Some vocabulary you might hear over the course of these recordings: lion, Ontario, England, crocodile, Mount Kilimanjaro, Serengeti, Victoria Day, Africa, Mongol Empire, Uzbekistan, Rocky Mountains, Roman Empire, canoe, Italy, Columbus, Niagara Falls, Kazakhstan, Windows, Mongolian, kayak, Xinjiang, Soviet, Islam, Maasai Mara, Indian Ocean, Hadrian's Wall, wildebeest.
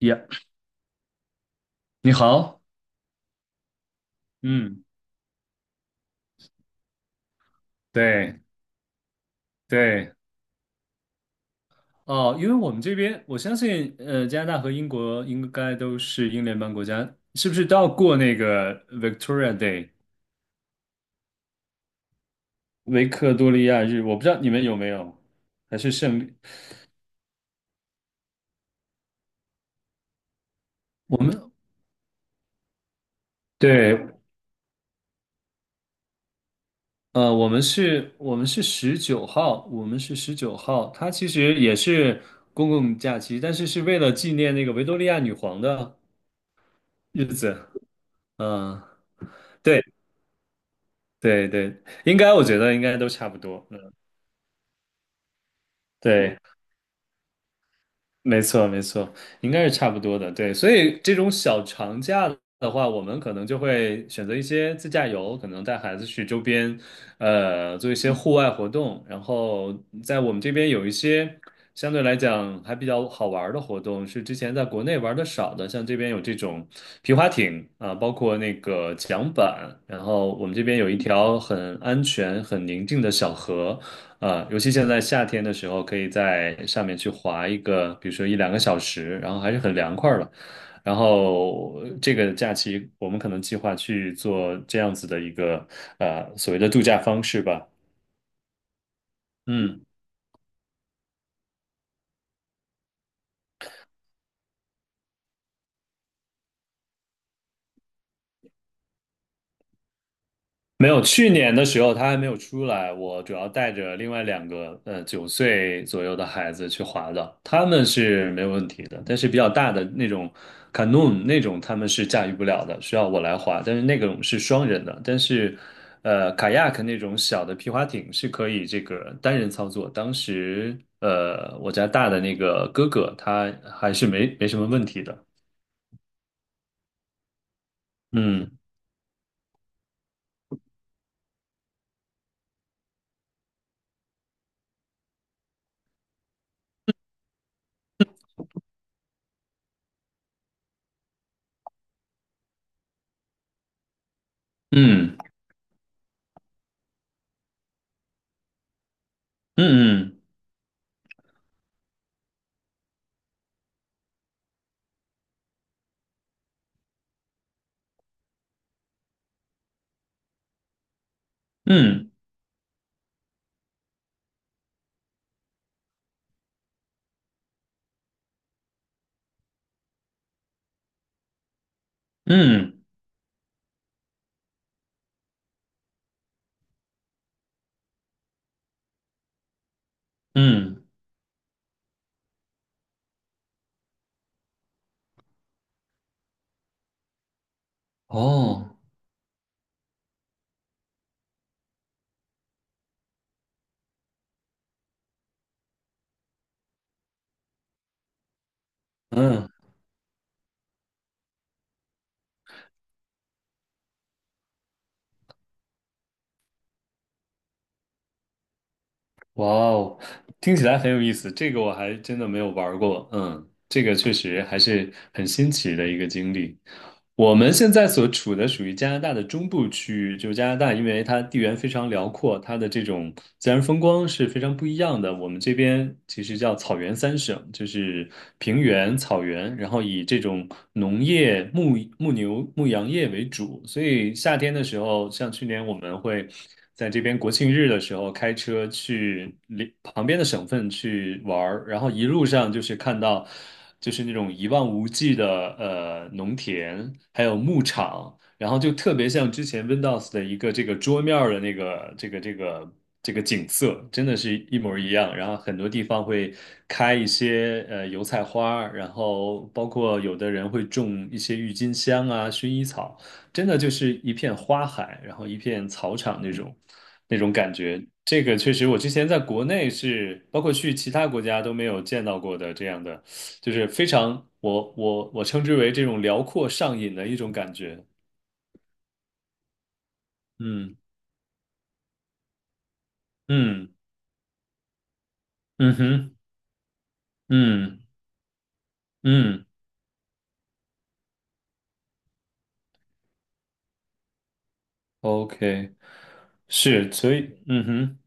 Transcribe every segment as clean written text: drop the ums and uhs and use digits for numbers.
呀，你好，嗯，对对，哦，因为我们这边，我相信，加拿大和英国应该都是英联邦国家，是不是都要过那个 Victoria Day 维克多利亚日？我不知道你们有没有，还是胜利？我们对，我们是十九号，它其实也是公共假期，但是是为了纪念那个维多利亚女皇的日子，嗯、对。对对，我觉得应该都差不多。嗯，对，嗯没错没错，应该是差不多的。对，所以这种小长假的话，我们可能就会选择一些自驾游，可能带孩子去周边，做一些户外活动。然后在我们这边有一些相对来讲还比较好玩儿的活动，是之前在国内玩的少的，像这边有这种皮划艇啊，包括那个桨板。然后我们这边有一条很安全、很宁静的小河。尤其现在夏天的时候，可以在上面去滑一个，比如说一两个小时，然后还是很凉快儿了。然后这个假期我们可能计划去做这样子的一个所谓的度假方式吧。嗯。没有，去年的时候他还没有出来，我主要带着另外两个9岁左右的孩子去滑的，他们是没有问题的，但是比较大的那种 canoe 那种他们是驾驭不了的，需要我来滑，但是那种是双人的，但是kayak 那种小的皮划艇是可以这个单人操作，当时我家大的那个哥哥他还是没什么问题的，嗯嗯嗯嗯嗯嗯嗯，哦。嗯，哇哦，听起来很有意思，这个我还真的没有玩过。嗯，这个确实还是很新奇的一个经历。我们现在所处的属于加拿大的中部区域，就是加拿大，因为它地缘非常辽阔，它的这种自然风光是非常不一样的。我们这边其实叫草原三省，就是平原、草原，然后以这种农业、牧牛、牧羊业为主。所以夏天的时候，像去年我们会，在这边国庆日的时候开车去邻旁边的省份去玩儿，然后一路上就是看到就是那种一望无际的农田，还有牧场，然后就特别像之前 Windows 的一个这个桌面儿的那个这个景色，真的是一模儿一样。然后很多地方会开一些油菜花儿然后包括有的人会种一些郁金香啊、薰衣草。真的就是一片花海，然后一片草场那种感觉。这个确实，我之前在国内是，包括去其他国家都没有见到过的这样的，就是非常我称之为这种辽阔上瘾的一种感觉。嗯嗯嗯哼嗯嗯，OK，是，所以嗯哼。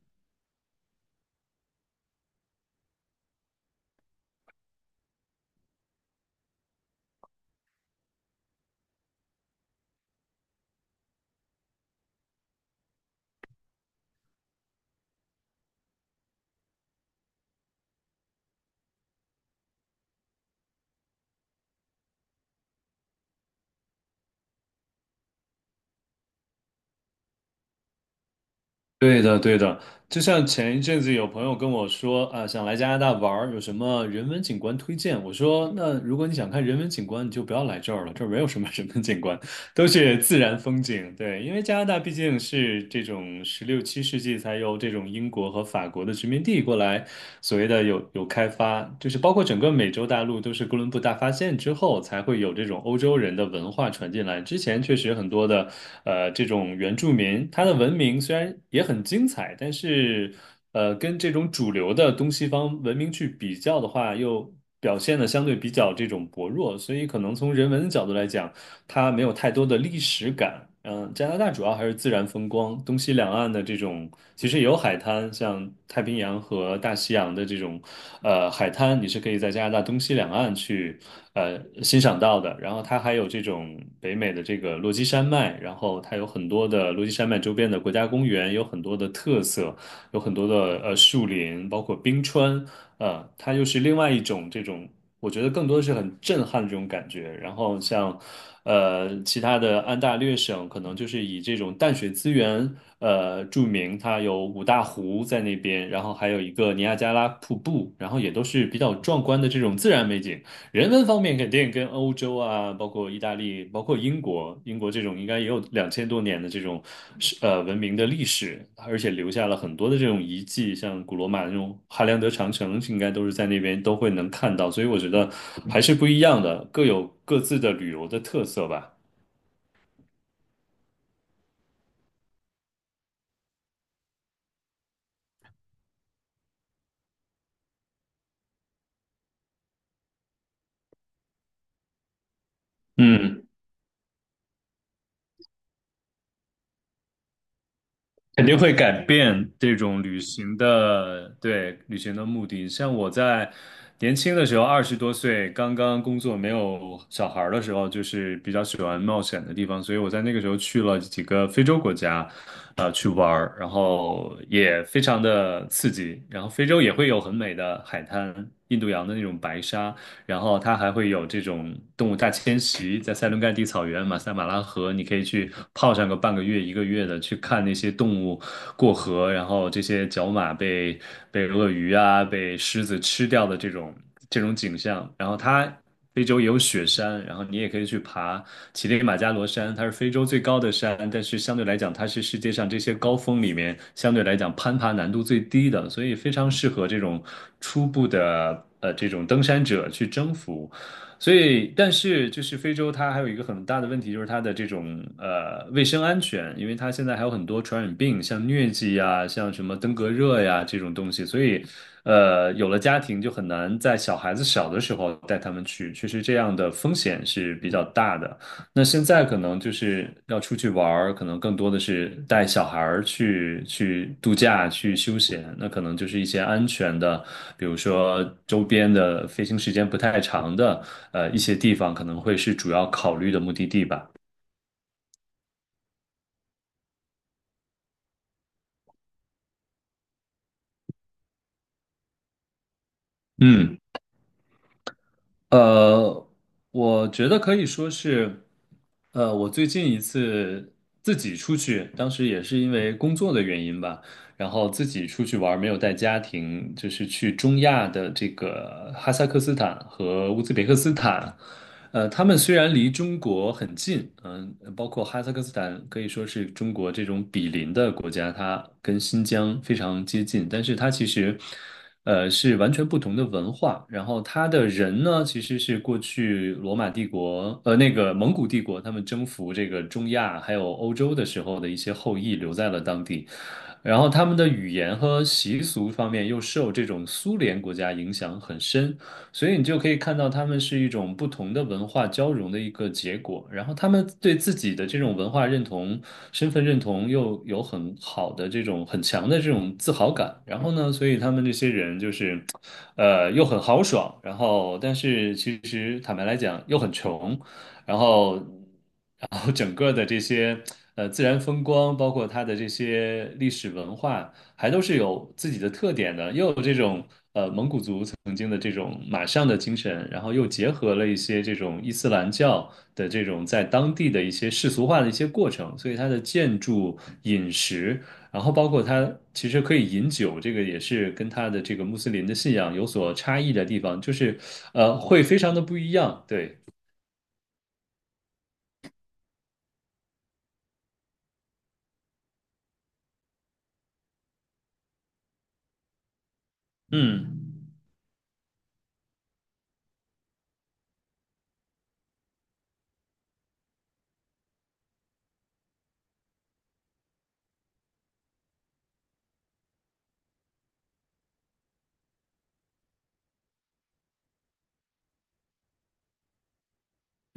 对的，对的，就像前一阵子有朋友跟我说啊，想来加拿大玩儿有什么人文景观推荐？我说，那如果你想看人文景观，你就不要来这儿了，这儿没有什么人文景观。都是自然风景，对，因为加拿大毕竟是这种十六七世纪才有这种英国和法国的殖民地过来，所谓的有开发，就是包括整个美洲大陆都是哥伦布大发现之后才会有这种欧洲人的文化传进来。之前确实很多的这种原住民，他的文明虽然也很精彩，但是跟这种主流的东西方文明去比较的话，又表现的相对比较这种薄弱，所以可能从人文的角度来讲。它没有太多的历史感。嗯，加拿大主要还是自然风光，东西两岸的这种其实也有海滩，像太平洋和大西洋的这种海滩，你是可以在加拿大东西两岸去呃欣赏到的。然后它还有这种北美的这个落基山脉，然后它有很多的落基山脉周边的国家公园，有很多的特色，有很多的树林，包括冰川。它又是另外一种这种我觉得更多的是很震撼的这种感觉。然后像，其他的安大略省可能就是以这种淡水资源，著名，它有五大湖在那边，然后还有一个尼亚加拉瀑布，然后也都是比较壮观的这种自然美景。人文方面肯定跟欧洲啊，包括意大利，包括英国，英国这种应该也有2000多年的这种文明的历史，而且留下了很多的这种遗迹，像古罗马那种哈良德长城，应该都是在那边都会能看到，所以我觉得还是不一样的，各有各自的旅游的特色吧。嗯。肯定会改变这种旅行的，对，旅行的目的。像我在年轻的时候，20多岁，刚刚工作没有小孩儿的时候，就是比较喜欢冒险的地方，所以我在那个时候去了几个非洲国家，去玩儿，然后也非常的刺激。然后非洲也会有很美的海滩，印度洋的那种白沙，然后它还会有这种动物大迁徙，在塞伦盖蒂草原、马赛马拉河，你可以去泡上个半个月、一个月的，去看那些动物过河，然后这些角马被鳄鱼啊、被狮子吃掉的这种景象。然后它非洲也有雪山，然后你也可以去爬乞力马扎罗山，它是非洲最高的山，但是相对来讲，它是世界上这些高峰里面相对来讲攀爬难度最低的，所以非常适合这种初步的这种登山者去征服。所以，但是就是非洲它还有一个很大的问题，就是它的这种卫生安全，因为它现在还有很多传染病，像疟疾呀、像什么登革热呀这种东西，所以有了家庭就很难在小孩子小的时候带他们去，确实这样的风险是比较大的。那现在可能就是要出去玩儿，可能更多的是带小孩儿去度假、去休闲。那可能就是一些安全的，比如说周边的飞行时间不太长的，一些地方可能会是主要考虑的目的地吧。嗯。呃，我觉得可以说是，我最近一次自己出去，当时也是因为工作的原因吧，然后自己出去玩儿没有带家庭，就是去中亚的这个哈萨克斯坦和乌兹别克斯坦。他们虽然离中国很近，包括哈萨克斯坦可以说是中国这种比邻的国家，它跟新疆非常接近，但是它其实，是完全不同的文化。然后它的人呢，其实是过去罗马帝国，那个蒙古帝国，他们征服这个中亚还有欧洲的时候的一些后裔留在了当地。然后他们的语言和习俗方面又受这种苏联国家影响很深，所以你就可以看到他们是一种不同的文化交融的一个结果，然后他们对自己的这种文化认同、身份认同又有很好的这种很强的这种自豪感，然后呢，所以他们这些人就是，又很豪爽，然后但是其实坦白来讲又很穷，然后。然后整个的这些自然风光，包括它的这些历史文化，还都是有自己的特点的，又有这种蒙古族曾经的这种马上的精神，然后又结合了一些这种伊斯兰教的这种在当地的一些世俗化的一些过程，所以它的建筑、饮食，然后包括它其实可以饮酒，这个也是跟它的这个穆斯林的信仰有所差异的地方，就是会非常的不一样，对，嗯。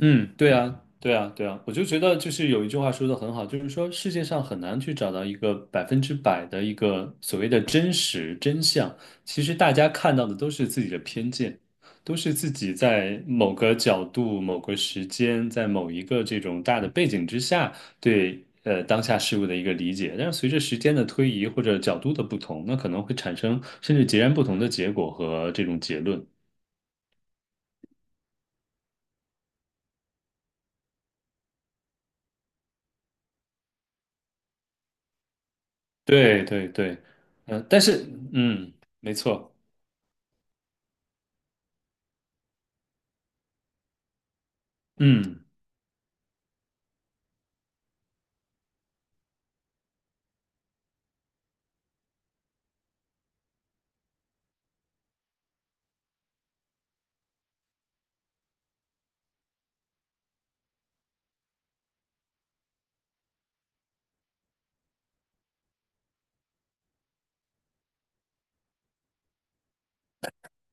嗯，对啊，对啊，对啊，我就觉得就是有一句话说的很好，就是说世界上很难去找到一个百分之百的一个所谓的真实真相。其实大家看到的都是自己的偏见，都是自己在某个角度、某个时间、在某一个这种大的背景之下对当下事物的一个理解。但是随着时间的推移或者角度的不同，那可能会产生甚至截然不同的结果和这种结论。对对对，嗯、但是嗯，没错，嗯，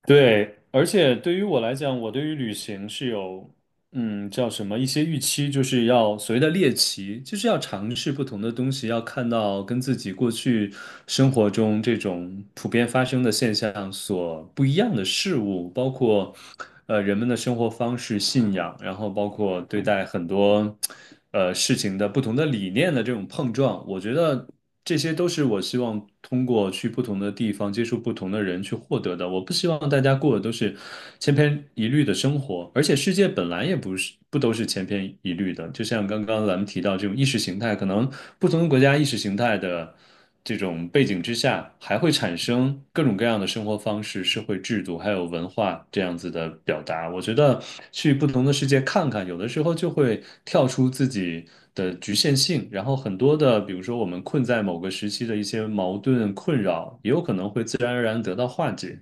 对，而且对于我来讲，我对于旅行是有叫什么一些预期，就是要所谓的猎奇，就是要尝试不同的东西，要看到跟自己过去生活中这种普遍发生的现象所不一样的事物，包括人们的生活方式、信仰，然后包括对待很多事情的不同的理念的这种碰撞，我觉得。这些都是我希望通过去不同的地方接触不同的人去获得的。我不希望大家过的都是千篇一律的生活，而且世界本来也不是不都是千篇一律的。就像刚刚咱们提到这种意识形态，可能不同的国家意识形态的。这种背景之下，还会产生各种各样的生活方式、社会制度，还有文化这样子的表达。我觉得去不同的世界看看，有的时候就会跳出自己的局限性，然后很多的，比如说我们困在某个时期的一些矛盾困扰，也有可能会自然而然得到化解。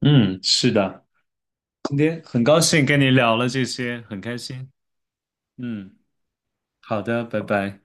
嗯，是的，今天很高兴跟你聊了这些，很开心。嗯，好的，拜拜。